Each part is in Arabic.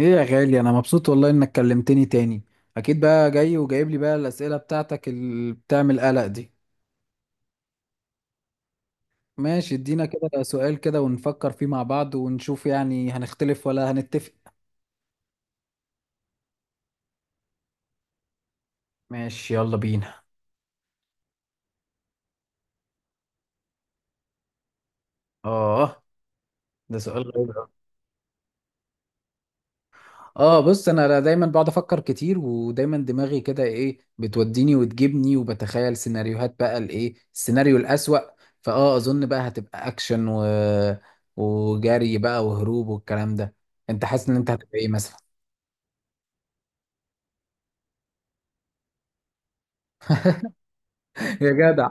ايه يا غالي، انا مبسوط والله انك كلمتني تاني. اكيد بقى جاي وجايب لي بقى الاسئله بتاعتك اللي بتعمل قلق دي. ماشي، ادينا كده سؤال كده ونفكر فيه مع بعض ونشوف يعني هنختلف ولا هنتفق؟ ماشي، يلا بينا. اه، ده سؤال غريب. اه، بص انا دايما بقعد افكر كتير، ودايما دماغي كده ايه، بتوديني وتجيبني وبتخيل سيناريوهات بقى، الايه السيناريو الاسوأ. اظن بقى هتبقى اكشن و... وجري بقى، وهروب والكلام ده. انت حاسس ان انت هتبقى ايه مثلا؟ يا جدع.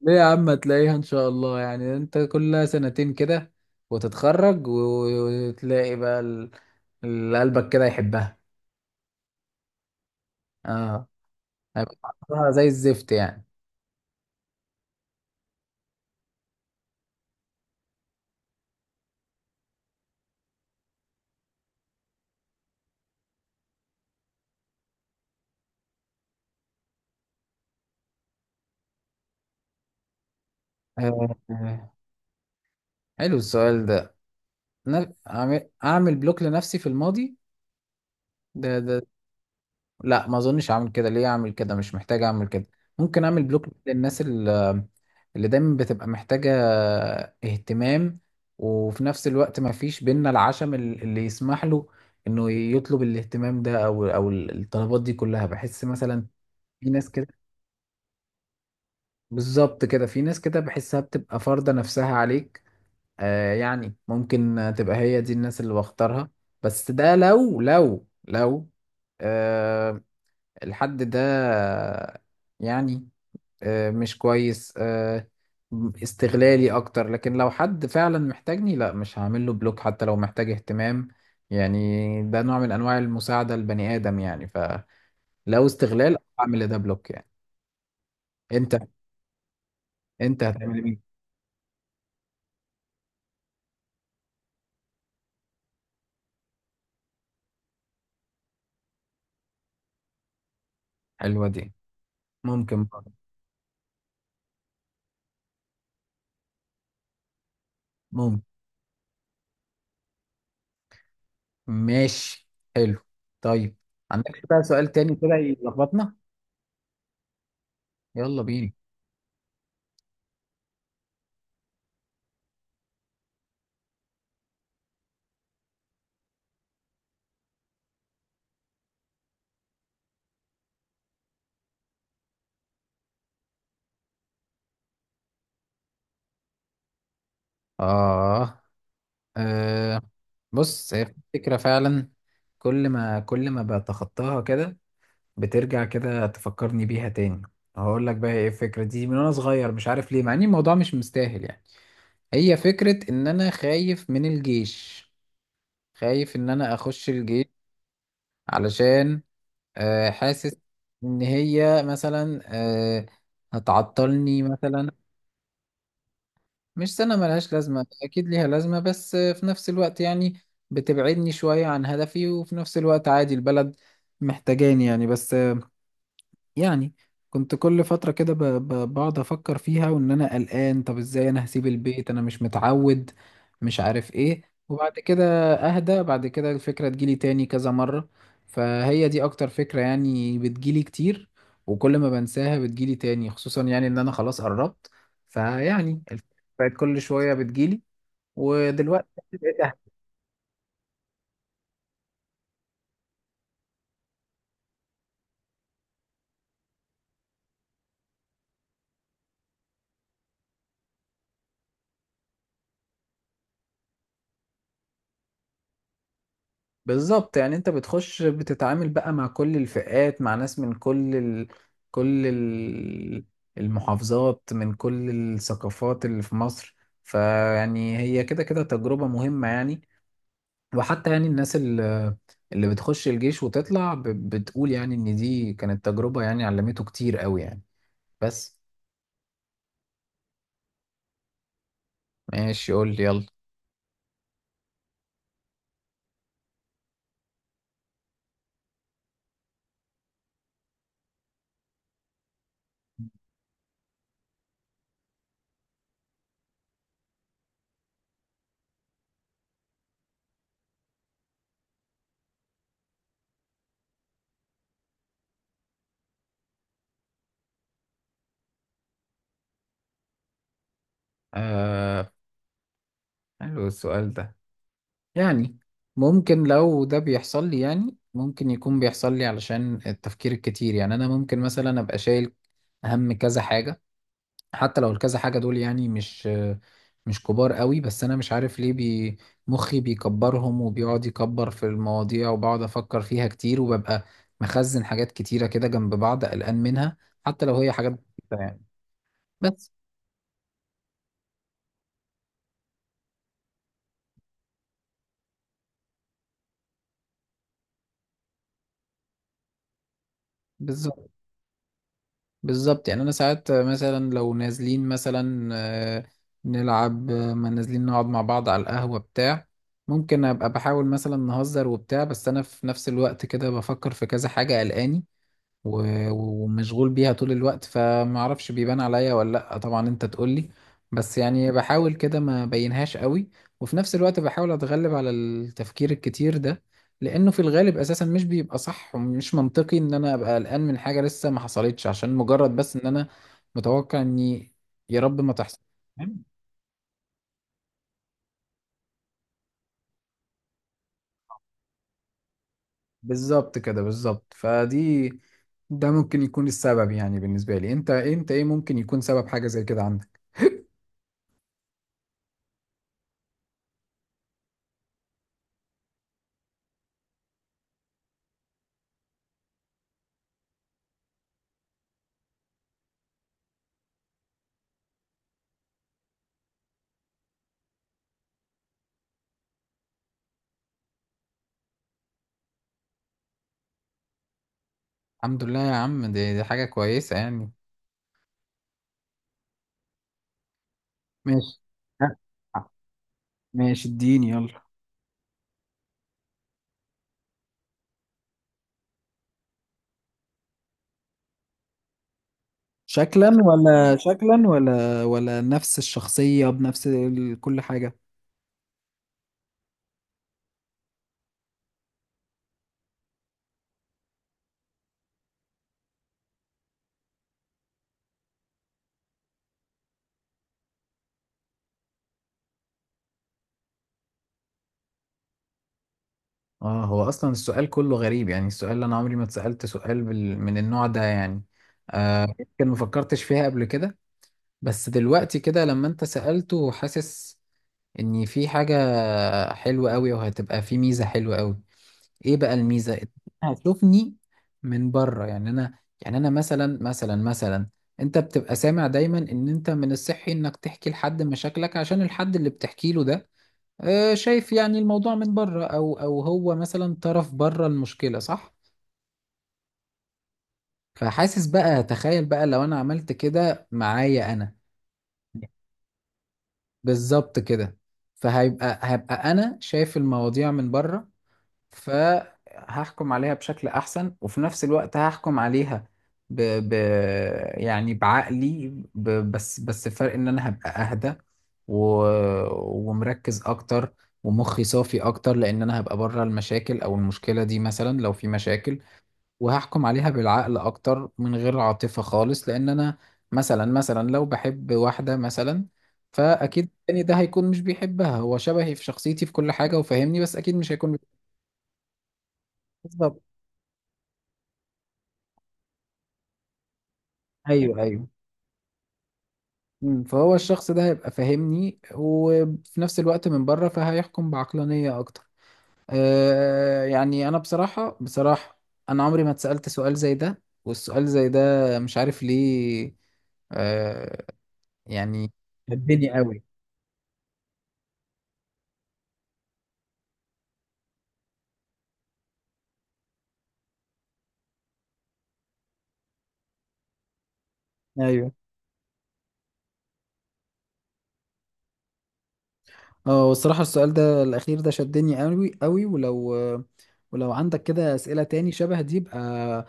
ليه يا عم، هتلاقيها ان شاء الله، يعني انت كلها سنتين كده وتتخرج و- وتلاقي بقى اللي قلبك كده يحبها. اه. هيبقى طعمها زي الزفت يعني. آه، آه. حلو السؤال ده. أعمل بلوك لنفسي في الماضي؟ ده؟ لا، ما أظنش أعمل كده. ليه أعمل كده؟ مش محتاج أعمل كده. ممكن أعمل بلوك للناس اللي دايما بتبقى محتاجة اهتمام، وفي نفس الوقت ما فيش بينا العشم اللي يسمح له انه يطلب الاهتمام ده او الطلبات دي كلها، بحس مثلا في ناس كده. بالظبط كده، في ناس كده بحسها بتبقى فارضة نفسها عليك. آه، يعني ممكن تبقى هي دي الناس اللي بختارها. بس ده لو، آه، الحد ده يعني، مش كويس، استغلالي اكتر. لكن لو حد فعلا محتاجني، لا مش هعمل له بلوك، حتى لو محتاج اهتمام يعني، ده نوع من انواع المساعدة البني ادم يعني. فلو استغلال، اعمل ده بلوك يعني. انت انت هتعمل مين؟ حلوة دي. ممكن برضه. ممكن. ماشي. حلو. طيب. عندك بقى سؤال تاني كده يلخبطنا؟ يلا بينا. آه. آه، بص هي الفكرة فعلا، كل ما بتخطاها كده، بترجع كده تفكرني بيها تاني. هقول لك بقى ايه الفكرة دي. من وانا صغير مش عارف ليه، مع ان الموضوع مش مستاهل يعني. هي فكرة ان انا خايف من الجيش، خايف ان انا اخش الجيش علشان، حاسس ان هي مثلا، هتعطلني مثلا. مش سنة ملهاش لازمة، أكيد ليها لازمة، بس في نفس الوقت يعني بتبعدني شوية عن هدفي. وفي نفس الوقت عادي، البلد محتاجاني يعني. بس يعني كنت كل فترة كده بقعد أفكر فيها وإن أنا قلقان، طب إزاي أنا هسيب البيت؟ أنا مش متعود، مش عارف إيه. وبعد كده أهدى، بعد كده الفكرة تجيلي تاني كذا مرة. فهي دي أكتر فكرة يعني بتجيلي كتير، وكل ما بنساها بتجيلي تاني، خصوصا يعني إن أنا خلاص قربت. فيعني الفكرة بقت كل شوية بتجيلي، ودلوقتي بقيت. بالظبط، يعني انت بتخش بتتعامل بقى مع كل الفئات، مع ناس من كل ال... المحافظات، من كل الثقافات اللي في مصر. فيعني هي كده كده تجربة مهمة يعني. وحتى يعني الناس اللي بتخش الجيش وتطلع بتقول يعني ان دي كانت تجربة يعني علمته كتير قوي يعني. بس. ماشي، قول لي يلا. آه... حلو السؤال ده يعني. ممكن لو ده بيحصل لي، يعني ممكن يكون بيحصل لي علشان التفكير الكتير يعني. انا ممكن مثلا ابقى شايل هم كذا حاجة، حتى لو الكذا حاجة دول يعني مش كبار قوي. بس انا مش عارف ليه مخي بيكبرهم، وبيقعد يكبر في المواضيع، وبقعد افكر فيها كتير، وببقى مخزن حاجات كتيرة كده جنب بعض قلقان منها، حتى لو هي حاجات بسيطة يعني. بس. بالظبط، بالظبط يعني انا ساعات مثلا لو نازلين مثلا، آه، نلعب، ما نازلين نقعد مع بعض على القهوة بتاع. ممكن ابقى بحاول مثلا نهزر وبتاع، بس انا في نفس الوقت كده بفكر في كذا حاجة قلقاني و- ومشغول بيها طول الوقت، فما اعرفش بيبان عليا ولا لا، طبعا انت تقول لي. بس يعني بحاول كده ما بينهاش قوي. وفي نفس الوقت بحاول اتغلب على التفكير الكتير ده، لانه في الغالب اساسا مش بيبقى صح، ومش منطقي ان انا ابقى قلقان من حاجة لسه ما حصلتش، عشان مجرد بس ان انا متوقع اني، يا رب ما تحصل. فاهم؟ بالظبط كده، بالظبط، فدي ده ممكن يكون السبب يعني بالنسبة لي. انت ايه ممكن يكون سبب حاجة زي كده عندك؟ الحمد لله يا عم، دي حاجة كويسة يعني. ماشي. ها، ماشي، اديني يلا. شكلا، ولا شكلا، ولا نفس الشخصية بنفس كل حاجة؟ اه، هو اصلا السؤال كله غريب يعني. السؤال اللي انا عمري ما اتسألت سؤال من النوع ده يعني، آه يمكن ما فكرتش فيها قبل كده. بس دلوقتي كده لما انت سألته، حاسس ان في حاجة حلوة قوي، وهتبقى في ميزة حلوة قوي. ايه بقى الميزه؟ انها تشوفني من بره، يعني انا مثلا. انت بتبقى سامع دايما ان انت من الصحي انك تحكي لحد مشاكلك، عشان الحد اللي بتحكي له ده شايف يعني الموضوع من بره، او هو مثلا طرف بره المشكله، صح؟ فحاسس بقى، تخيل بقى لو انا عملت كده معايا انا. بالظبط كده. هبقى انا شايف المواضيع من بره، فهحكم عليها بشكل احسن، وفي نفس الوقت هحكم عليها ب... ب... يعني بعقلي. ب... بس بس الفرق ان انا هبقى اهدى و... ومركز اكتر، ومخي صافي اكتر، لان انا هبقى بره المشاكل، او المشكله دي مثلا لو في مشاكل. وهحكم عليها بالعقل اكتر من غير عاطفه خالص. لان انا مثلا لو بحب واحده مثلا، فاكيد التاني ده هيكون مش بيحبها. هو شبهي في شخصيتي في كل حاجه وفاهمني، بس اكيد مش هيكون بيحبها. ايوه، ايوه. فهو الشخص ده هيبقى فاهمني، وفي نفس الوقت من بره فهيحكم بعقلانية اكتر. آه، يعني انا بصراحة بصراحة، انا عمري ما اتسألت سؤال زي ده. والسؤال زي ده مش عارف ليه، آه يعني شدني قوي. ايوه. اه، والصراحة السؤال ده الاخير ده شدني قوي قوي، ولو عندك كده اسئلة تاني شبه دي، يبقى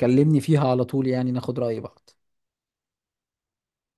كلمني فيها على طول يعني، ناخد رأي بعض.